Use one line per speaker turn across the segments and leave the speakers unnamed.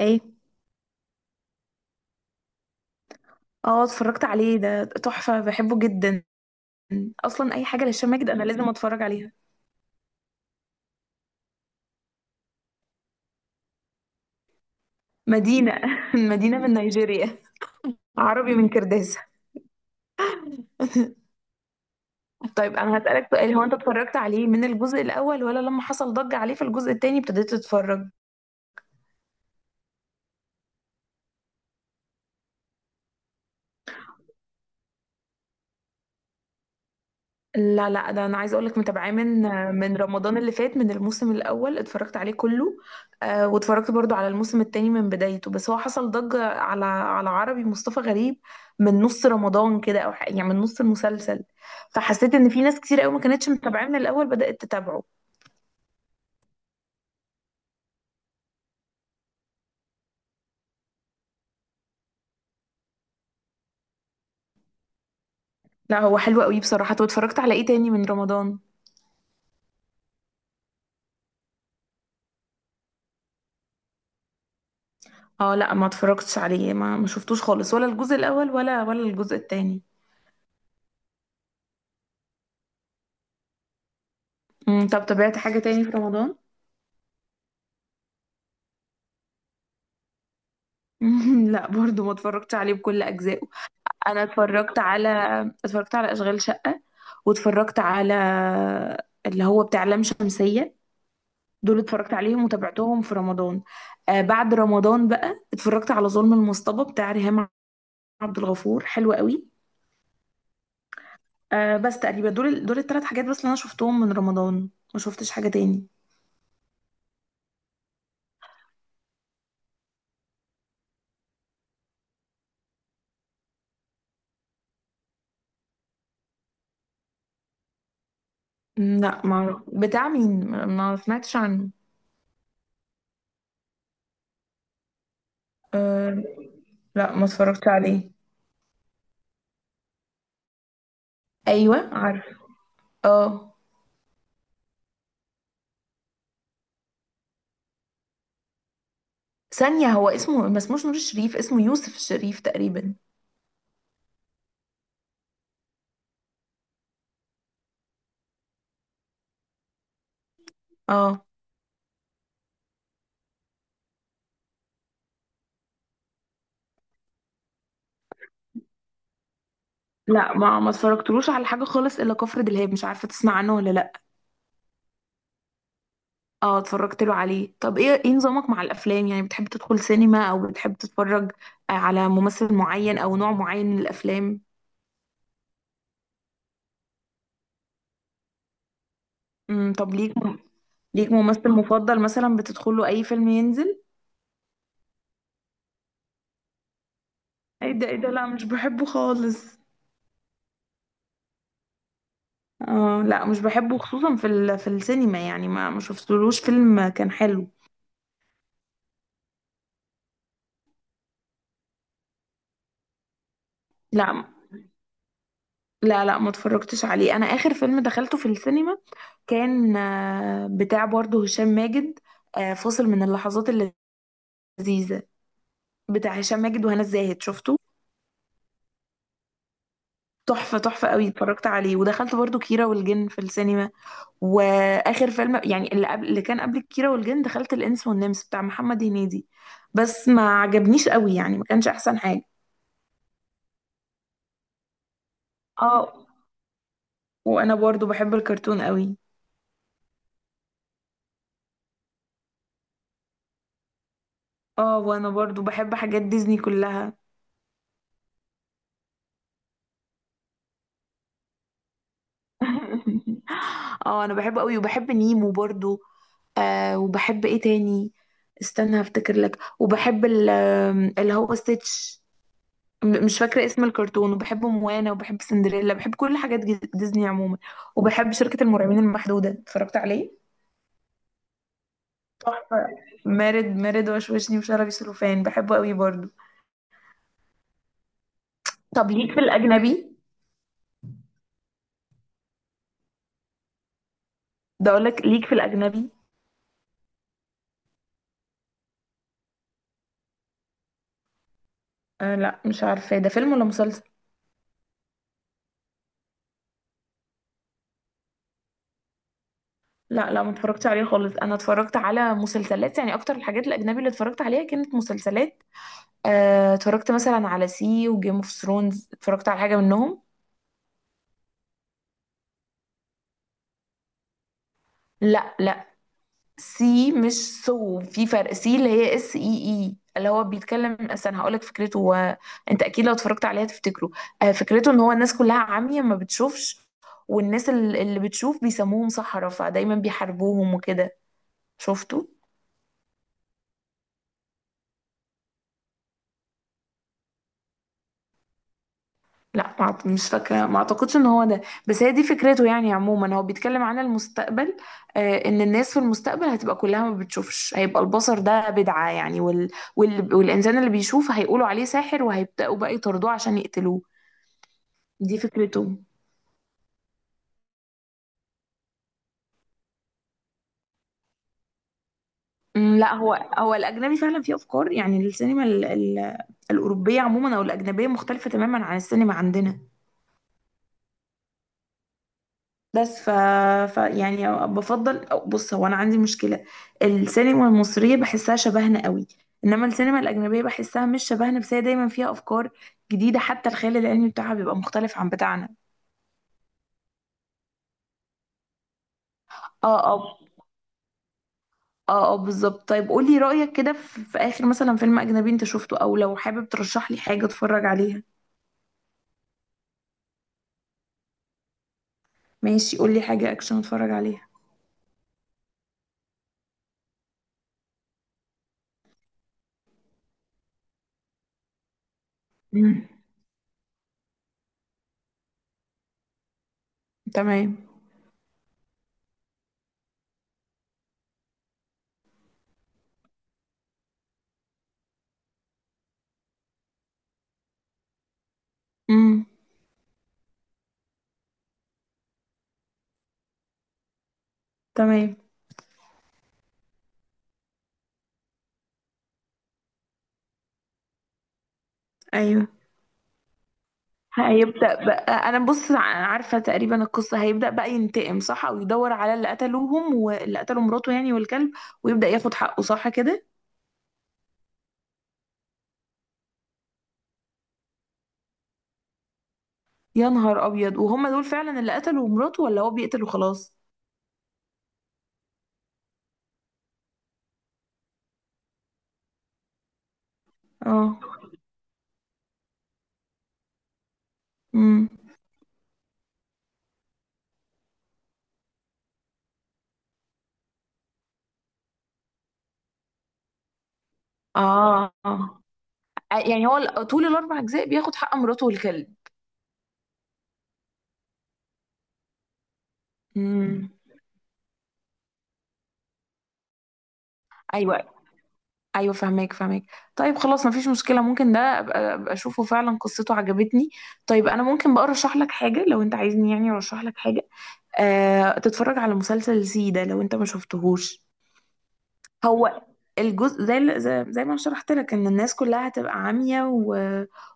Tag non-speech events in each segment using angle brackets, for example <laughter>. ايه. اه، اتفرجت عليه، ده تحفة بحبه جدا. اصلا اي حاجة لهشام ماجد انا لازم اتفرج عليها. مدينة. <laughs> مدينة من نيجيريا. عربي من كرداسة. طيب انا هسألك سؤال، هو انت اتفرجت عليه من الجزء الاول ولا لما حصل ضجة عليه في الجزء التاني ابتديت تتفرج؟ لا لا، ده انا عايزه اقول لك متابعاه من رمضان اللي فات، من الموسم الاول اتفرجت عليه كله. آه، واتفرجت برضو على الموسم التاني من بدايته، بس هو حصل ضجه على عربي مصطفى غريب من نص رمضان كده او يعني من نص المسلسل. فحسيت ان في ناس كتير قوي ما كانتش متابعاه من الاول بدات تتابعه. لا هو حلو قوي بصراحه. طب اتفرجت على ايه تاني من رمضان؟ اه لا، ما اتفرجتش عليه، ما شفتوش خالص، ولا الجزء الاول ولا الجزء التاني. طب تابعت حاجه تاني في رمضان؟ <laughs> لا برضو ما اتفرجتش عليه بكل اجزائه. انا اتفرجت على اشغال شقة، واتفرجت على اللي هو بتاع لام شمسية. دول اتفرجت عليهم وتابعتهم في رمضان. آه، بعد رمضان بقى اتفرجت على ظلم المصطبة بتاع ريهام عبد الغفور، حلو قوي. آه بس تقريبا دول الثلاث حاجات بس اللي انا شفتهم من رمضان، ما شفتش حاجة تاني. لا ما أعرف. بتاع مين؟ ما سمعتش عنه. آه لا، ما اتفرجت عليه. ايوه عارف. اه، ثانية، هو اسمه ما اسموش نور الشريف، اسمه يوسف الشريف تقريبا. اه لا، ما اتفرجتلوش على حاجه خالص الا كفر دلهاب، مش عارفه تسمع عنه ولا لا. اه اتفرجت له عليه. طب ايه نظامك مع الافلام؟ يعني بتحب تدخل سينما او بتحب تتفرج على ممثل معين او نوع معين من الافلام؟ طب ليك ليك ممثل مفضل مثلا بتدخله اي فيلم ينزل؟ ايه ده ايه ده، لا مش بحبه خالص. اه لا مش بحبه، خصوصا في في السينما، يعني ما شفتلوش فيلم كان حلو. لا لا لا، ما اتفرجتش عليه. انا اخر فيلم دخلته في السينما كان بتاع برضه هشام ماجد، فاصل من اللحظات اللذيذة بتاع هشام ماجد وهنا الزاهد، شفته تحفة، تحفة قوي. اتفرجت عليه، ودخلت برضه كيرة والجن في السينما. واخر فيلم يعني اللي كان قبل كيرة والجن دخلت الانس والنمس بتاع محمد هنيدي، بس ما عجبنيش قوي يعني، ما كانش احسن حاجة. اه وانا برضه بحب الكرتون قوي. اه وانا برضه بحب حاجات ديزني كلها. <laughs> اه انا بحبه قوي، وبحب نيمو برضو. آه، وبحب ايه تاني؟ استنى هفتكر لك. وبحب ال- آم، اللي هو ستيتش، مش فاكرة اسم الكرتون. وبحب موانا، وبحب سندريلا، بحب كل حاجات ديزني عموما. وبحب شركة المرعبين المحدودة اتفرجت عليه، تحفة. مارد مارد وشوشني وشلبي سلوفان بحبه قوي برضو. طب ليك في الأجنبي؟ ده أقول لك ليك في الأجنبي. آه لا مش عارفة، ده فيلم ولا مسلسل؟ لا لا، ما اتفرجتش عليه خالص. انا اتفرجت على مسلسلات، يعني اكتر الحاجات الاجنبي اللي اتفرجت عليها كانت مسلسلات. آه، اتفرجت مثلا على سي وجيم اوف ثرونز، اتفرجت على حاجه منهم. لا لا، سي مش سو، في فرق. سي اللي هي اس اي اي، اللي هو بيتكلم اصلا، هقول لك فكرته. انت اكيد لو اتفرجت عليها تفتكره. آه، فكرته ان هو الناس كلها عمية ما بتشوفش، والناس اللي بتشوف بيسموهم سحرة فدايما بيحاربوهم وكده، شفته؟ لا ما أعت- مش فاكرة، ما اعتقدش ان هو ده. بس هي دي فكرته يعني عموما، هو بيتكلم عن المستقبل. آه، ان الناس في المستقبل هتبقى كلها ما بتشوفش، هيبقى البصر ده بدعة يعني، والانسان اللي بيشوف هيقولوا عليه ساحر وهيبدأوا بقى يطردوه عشان يقتلوه. دي فكرته. لا هو الاجنبي فعلا فيه افكار، يعني السينما الاوروبية عموما او الاجنبية مختلفة تماما عن السينما عندنا. بس ف يعني بفضل، أو بص هو انا عندي مشكله، السينما المصريه بحسها شبهنا قوي، انما السينما الاجنبيه بحسها مش شبهنا، بس هي دايما فيها افكار جديده، حتى الخيال العلمي بتاعها بيبقى مختلف عن بتاعنا. اه اه اه اه، بالظبط. طيب قولي رايك كده في اخر مثلا فيلم اجنبي انت شفته، او لو حابب ترشح لي حاجه اتفرج عليها. ماشي، قولي حاجه اكشن اتفرج عليها. امم تمام. امم تمام. ايوه. هيبدأ بقى أنا بص عارفة تقريبا القصة، هيبدأ بقى ينتقم، صح؟ أو يدور على اللي قتلوهم واللي قتلوا مراته يعني والكلب، ويبدأ ياخد حقه صح كده. يا نهار أبيض، وهم دول فعلا اللي قتلوا مراته ولا هو بيقتل وخلاص؟ اه. امم. اه. آه. يعني هو طول الأربع أجزاء بياخد حق مراته والكلب. امم. أيوه أيوه، فهماك فهماك. طيب خلاص مفيش مشكلة، ممكن ده أبقى أشوفه فعلا، قصته عجبتني. طيب أنا ممكن بقى أرشح لك حاجة، لو أنت عايزني يعني أرشح لك حاجة تتفرج على مسلسل زي ده لو انت ما شفتهوش. هو الجزء زي ال- زي زي ما شرحت لك ان الناس كلها هتبقى عمية،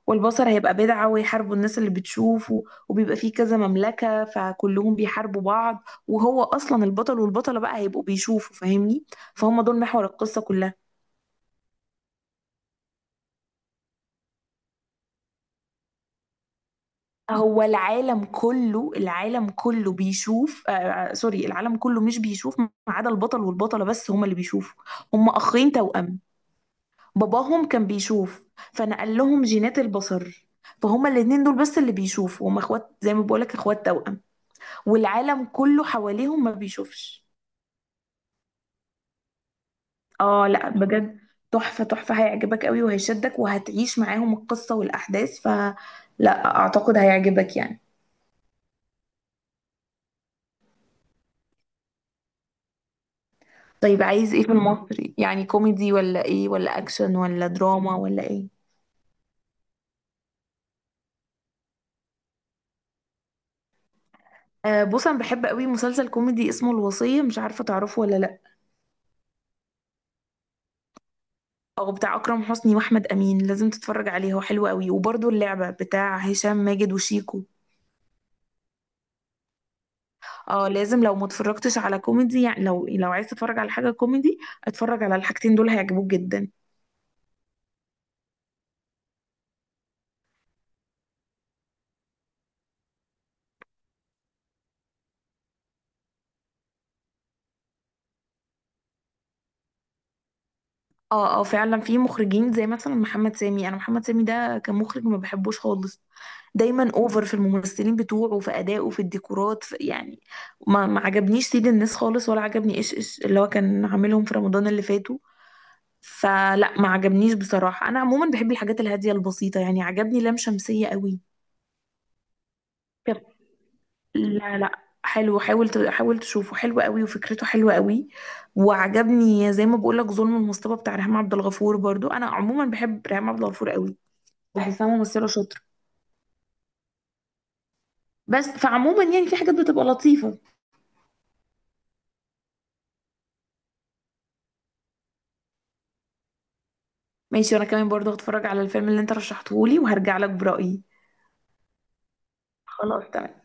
والبصر هيبقى بدعة، ويحاربوا الناس اللي بتشوف وبيبقى فيه كذا مملكة فكلهم بيحاربوا بعض، وهو اصلا البطل والبطلة بقى هيبقوا بيشوفوا، فاهمني؟ فهم دول محور القصة كلها. هو العالم كله، العالم كله بيشوف، سوري، العالم كله مش بيشوف ما عدا البطل والبطلة، بس هما اللي بيشوفوا، هما اخين توأم، باباهم كان بيشوف فنقل لهم جينات البصر، فهما الاتنين دول بس اللي بيشوفوا، هما اخوات زي ما بقولك اخوات توأم، والعالم كله حواليهم ما بيشوفش. اه لا بجد، تحفة تحفة، هيعجبك قوي وهيشدك وهتعيش معاهم القصة والأحداث، فلا أعتقد هيعجبك يعني. طيب عايز ايه في المصري؟ يعني كوميدي ولا ايه، ولا أكشن ولا دراما ولا ايه؟ آه بص أنا بحب قوي مسلسل كوميدي اسمه الوصية، مش عارفة تعرفه ولا، او بتاع اكرم حسني واحمد امين، لازم تتفرج عليه هو حلو قوي. وبرده اللعبه بتاع هشام ماجد وشيكو. اه لازم، لو ما اتفرجتش على كوميدي يعني، لو عايز تتفرج على حاجه كوميدي اتفرج على الحاجتين دول هيعجبوك جدا. اه اه فعلا في مخرجين زي مثلا محمد سامي، انا محمد سامي ده كمخرج ما بحبوش خالص، دايما اوفر في الممثلين بتوعه، في ادائه، في الديكورات، في يعني ما عجبنيش سيد الناس خالص، ولا عجبني ايش ايش اللي هو كان عاملهم في رمضان اللي فات، فلا ما عجبنيش بصراحة. أنا عموما بحب الحاجات الهادية البسيطة، يعني عجبني لام شمسية قوي. طب لا لا، حلو، حاول تشوفه حلو قوي وفكرته حلوة قوي. وعجبني زي ما بقولك ظلم المصطبة بتاع ريهام عبد الغفور برضو، أنا عموما بحب ريهام عبد الغفور قوي، بحسها ممثلة شاطرة، بس فعموما يعني في حاجات بتبقى لطيفة. ماشي، وأنا كمان برضو هتفرج على الفيلم اللي أنت رشحتهولي وهرجع لك برأيي. خلاص تمام.